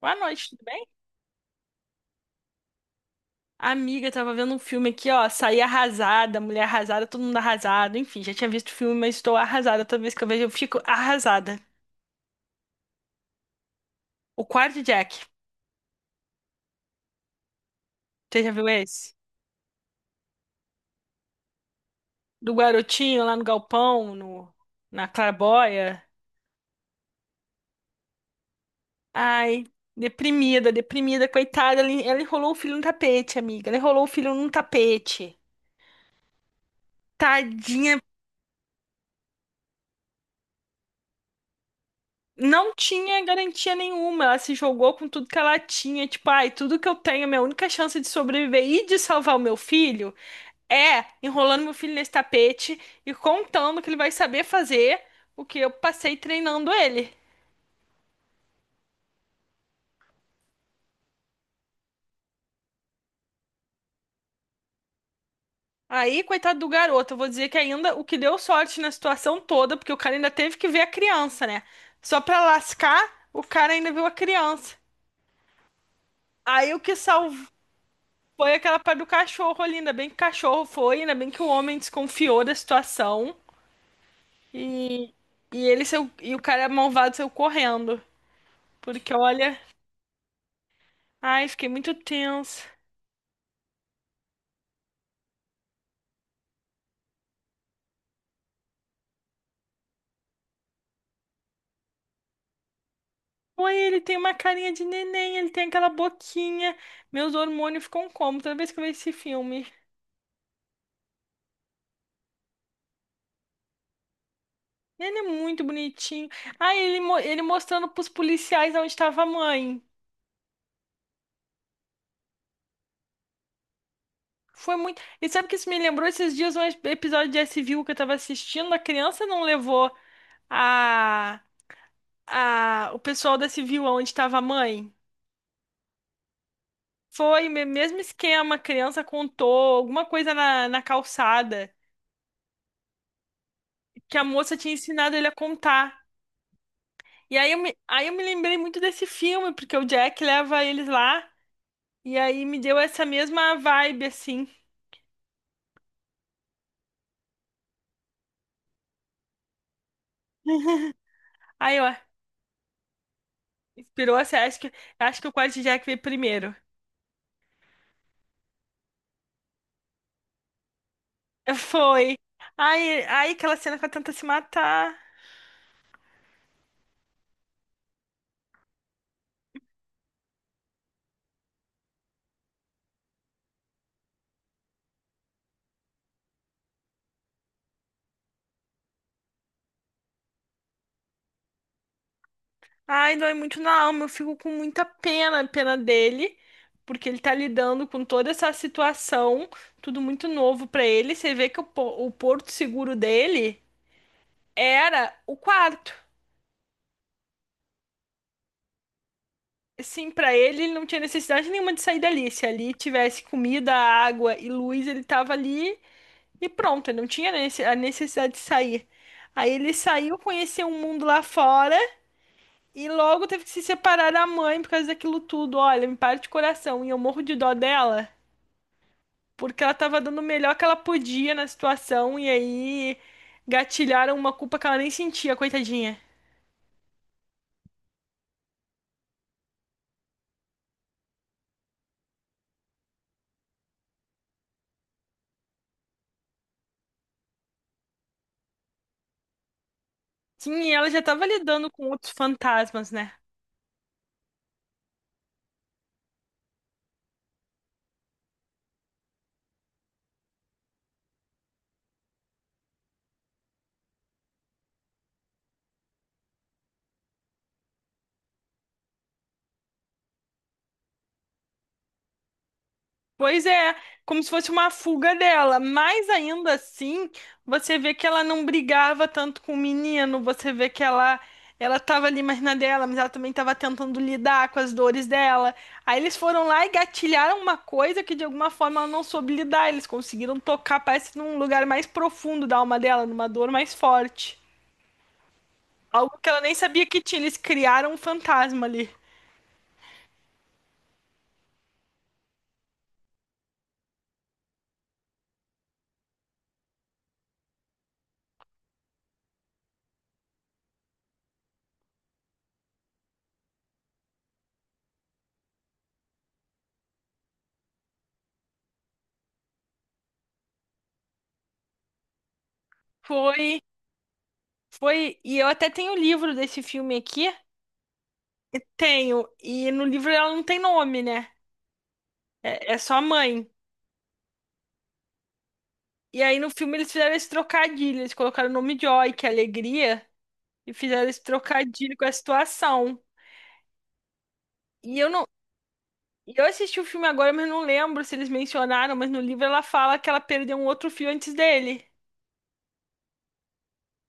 Boa noite, tudo bem? Amiga, tava vendo um filme aqui, ó. Saí arrasada, mulher arrasada, todo mundo arrasado. Enfim, já tinha visto o filme, mas estou arrasada. Toda vez que eu vejo, eu fico arrasada. O Quarto Jack, você já viu esse? Do garotinho lá no galpão, no, na claraboia. Ai, deprimida, deprimida, coitada. Ela enrolou o filho no tapete, amiga. Ela enrolou o filho num tapete. Tadinha, não tinha garantia nenhuma. Ela se jogou com tudo que ela tinha. Tipo, ai, tudo que eu tenho, minha única chance de sobreviver e de salvar o meu filho é enrolando meu filho nesse tapete e contando que ele vai saber fazer o que eu passei treinando ele. Aí, coitado do garoto, eu vou dizer que ainda o que deu sorte na situação toda, porque o cara ainda teve que ver a criança, né? Só pra lascar, o cara ainda viu a criança. Aí o que salvou. Foi aquela parte do cachorro ali, ainda bem que o cachorro foi, ainda bem que o homem desconfiou da situação. E, e ele saiu, e o cara malvado saiu correndo. Porque olha, ai, fiquei muito tenso. Oi, ele tem uma carinha de neném, ele tem aquela boquinha. Meus hormônios ficam como toda vez que eu vejo esse filme. Ele é muito bonitinho. Ah, ele, ele mostrando pros policiais onde estava a mãe. Foi muito. E sabe que isso me lembrou esses dias um episódio de S S.V.U. que eu tava assistindo? A criança não levou a o pessoal da Civil, onde estava a mãe. Foi mesmo esquema, a criança contou alguma coisa na calçada que a moça tinha ensinado ele a contar. E aí eu me lembrei muito desse filme, porque o Jack leva eles lá e aí me deu essa mesma vibe, assim. Aí, ó, inspirou, assim, acho que o quarto Jack veio primeiro. Foi. Aí aquela cena que ela tenta se matar. Ai, dói muito na alma. Eu fico com muita pena, pena dele, porque ele tá lidando com toda essa situação, tudo muito novo pra ele. Você vê que o porto seguro dele era o quarto. Assim, pra ele, ele não tinha necessidade nenhuma de sair dali. Se ali tivesse comida, água e luz, ele tava ali e pronto. Ele não tinha a necessidade de sair. Aí ele saiu, conheceu um mundo lá fora. E logo teve que se separar da mãe por causa daquilo tudo. Olha, me parte o coração. E eu morro de dó dela, porque ela tava dando o melhor que ela podia na situação. E aí gatilharam uma culpa que ela nem sentia, coitadinha. Sim, e ela já tava lidando com outros fantasmas, né? Pois é, como se fosse uma fuga dela, mas ainda assim, você vê que ela não brigava tanto com o menino, você vê que ela tava ali mais na dela, mas ela também estava tentando lidar com as dores dela. Aí eles foram lá e gatilharam uma coisa que de alguma forma ela não soube lidar, eles conseguiram tocar, parece num lugar mais profundo da alma dela, numa dor mais forte. Algo que ela nem sabia que tinha, eles criaram um fantasma ali. Foi, foi, e eu até tenho o livro desse filme aqui. Tenho. E no livro ela não tem nome, né? É, é só a mãe. E aí no filme eles fizeram esse trocadilho. Eles colocaram o nome Joy, que é alegria, e fizeram esse trocadilho com a situação. E eu não. Eu assisti o filme agora, mas não lembro se eles mencionaram, mas no livro ela fala que ela perdeu um outro fio antes dele.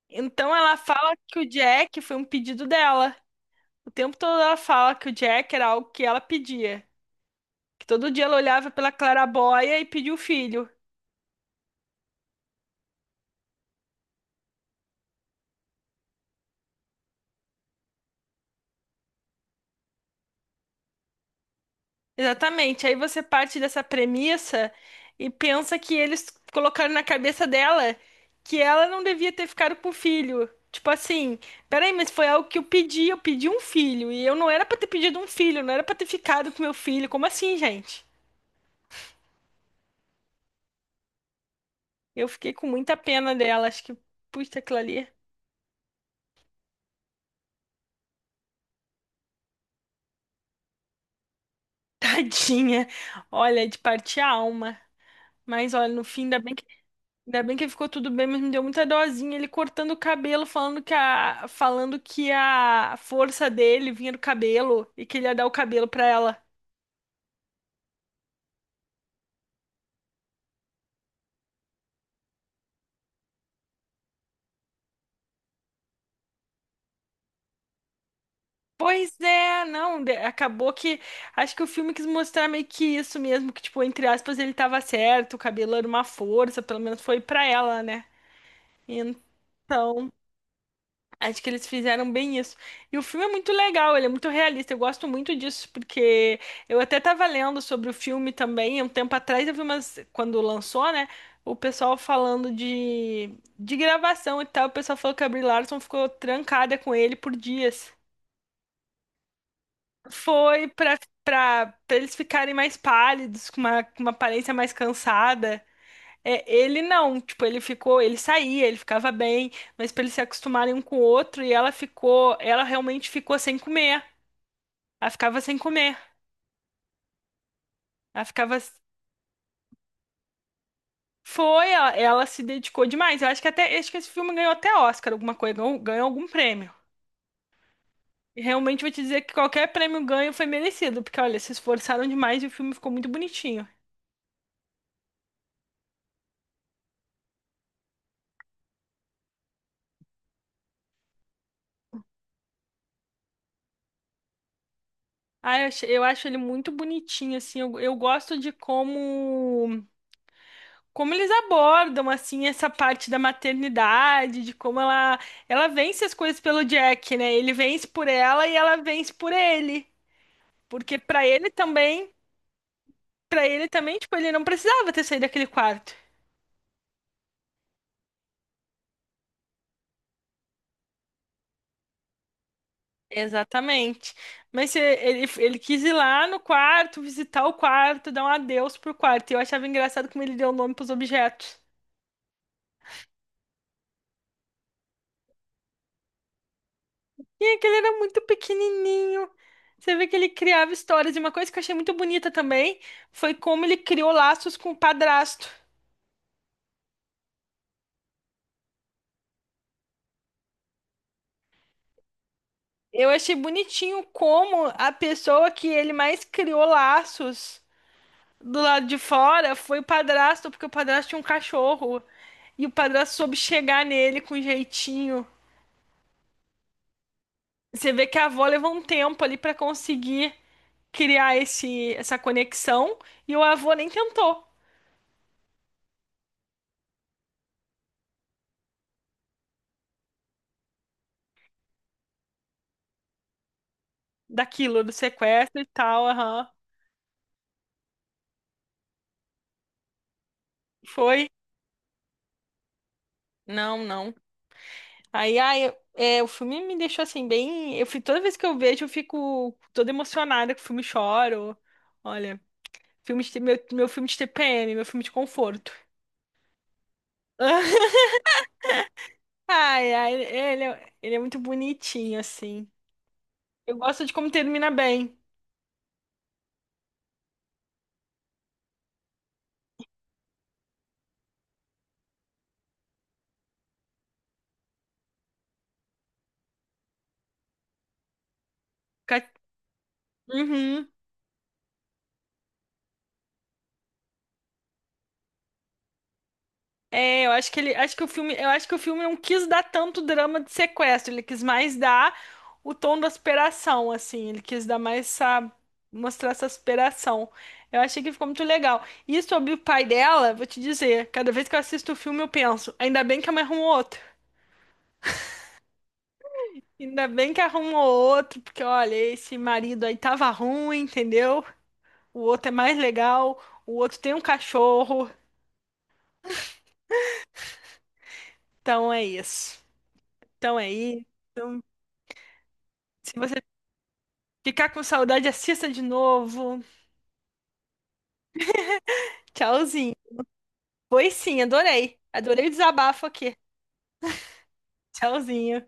Então ela fala que o Jack foi um pedido dela. O tempo todo ela fala que o Jack era algo que ela pedia. Que todo dia ela olhava pela claraboia e pedia o filho. Exatamente. Aí você parte dessa premissa e pensa que eles colocaram na cabeça dela que ela não devia ter ficado com o filho. Tipo assim, peraí, mas foi algo que eu pedi um filho e eu não era pra ter pedido um filho, não era pra ter ficado com meu filho. Como assim, gente? Eu fiquei com muita pena dela, acho que puxa aquilo ali, tadinha. Olha, é de partir a alma. Mas olha, no fim, Ainda bem que ficou tudo bem, mas me deu muita dosinha ele cortando o cabelo, falando que falando que a força dele vinha do cabelo e que ele ia dar o cabelo pra ela. Pois é, não, acabou que acho que o filme quis mostrar meio que isso mesmo, que tipo, entre aspas, ele tava certo, o cabelo era uma força, pelo menos foi pra ela, né? Então, acho que eles fizeram bem isso. E o filme é muito legal, ele é muito realista. Eu gosto muito disso, porque eu até estava lendo sobre o filme também. Um tempo atrás eu vi umas, quando lançou, né? O pessoal falando de gravação e tal. O pessoal falou que a Brie Larson ficou trancada com ele por dias. Foi para Para eles ficarem mais pálidos, com uma aparência mais cansada. É, ele não, tipo, ele ficou, ele saía, ele ficava bem, mas pra eles se acostumarem um com o outro, e ela ficou, ela realmente ficou sem comer. Ela ficava sem comer. Ela ficava. Foi, ela se dedicou demais. Eu acho que até, acho que esse filme ganhou até Oscar, alguma coisa, ganhou, ganhou algum prêmio. E realmente vou te dizer que qualquer prêmio ganho foi merecido, porque olha, se esforçaram demais e o filme ficou muito bonitinho. Ah, eu, eu acho ele muito bonitinho, assim, eu gosto de como como eles abordam assim essa parte da maternidade, de como ela vence as coisas pelo Jack, né? Ele vence por ela e ela vence por ele, porque pra ele também, para ele também, tipo, ele não precisava ter saído daquele quarto. Exatamente. Mas ele, ele quis ir lá no quarto, visitar o quarto, dar um adeus pro quarto. E eu achava engraçado como ele deu o nome pros objetos. E aquele era muito pequenininho. Você vê que ele criava histórias. E uma coisa que eu achei muito bonita também foi como ele criou laços com o padrasto. Eu achei bonitinho como a pessoa que ele mais criou laços do lado de fora foi o padrasto, porque o padrasto tinha um cachorro. E o padrasto soube chegar nele com jeitinho. Você vê que a avó levou um tempo ali pra conseguir criar essa conexão. E o avô nem tentou daquilo, do sequestro e tal. Aham. Foi? Não, não. Aí, ai, eu- é, o filme me deixou assim bem. Eu fui toda vez que eu vejo, eu fico toda emocionada com o filme, choro. Olha, meu, meu filme de TPM, meu filme de conforto. Ele é muito bonitinho assim. Eu gosto de como termina bem. Ca- Uhum. É, eu acho que ele, acho que o filme, eu acho que o filme não quis dar tanto drama de sequestro, ele quis mais dar o tom da aspiração, assim, ele quis dar mais essa, mostrar essa aspiração. Eu achei que ficou muito legal. E sobre o pai dela, vou te dizer, cada vez que eu assisto o filme eu penso, ainda bem que a mãe arrumou outro. Ainda bem que arrumou outro, porque olha, esse marido aí tava ruim, entendeu? O outro é mais legal, o outro tem um cachorro, então é isso. Então é isso. Ficar com saudade, assista de novo. Tchauzinho. Foi sim, adorei. Adorei o desabafo aqui. Tchauzinho.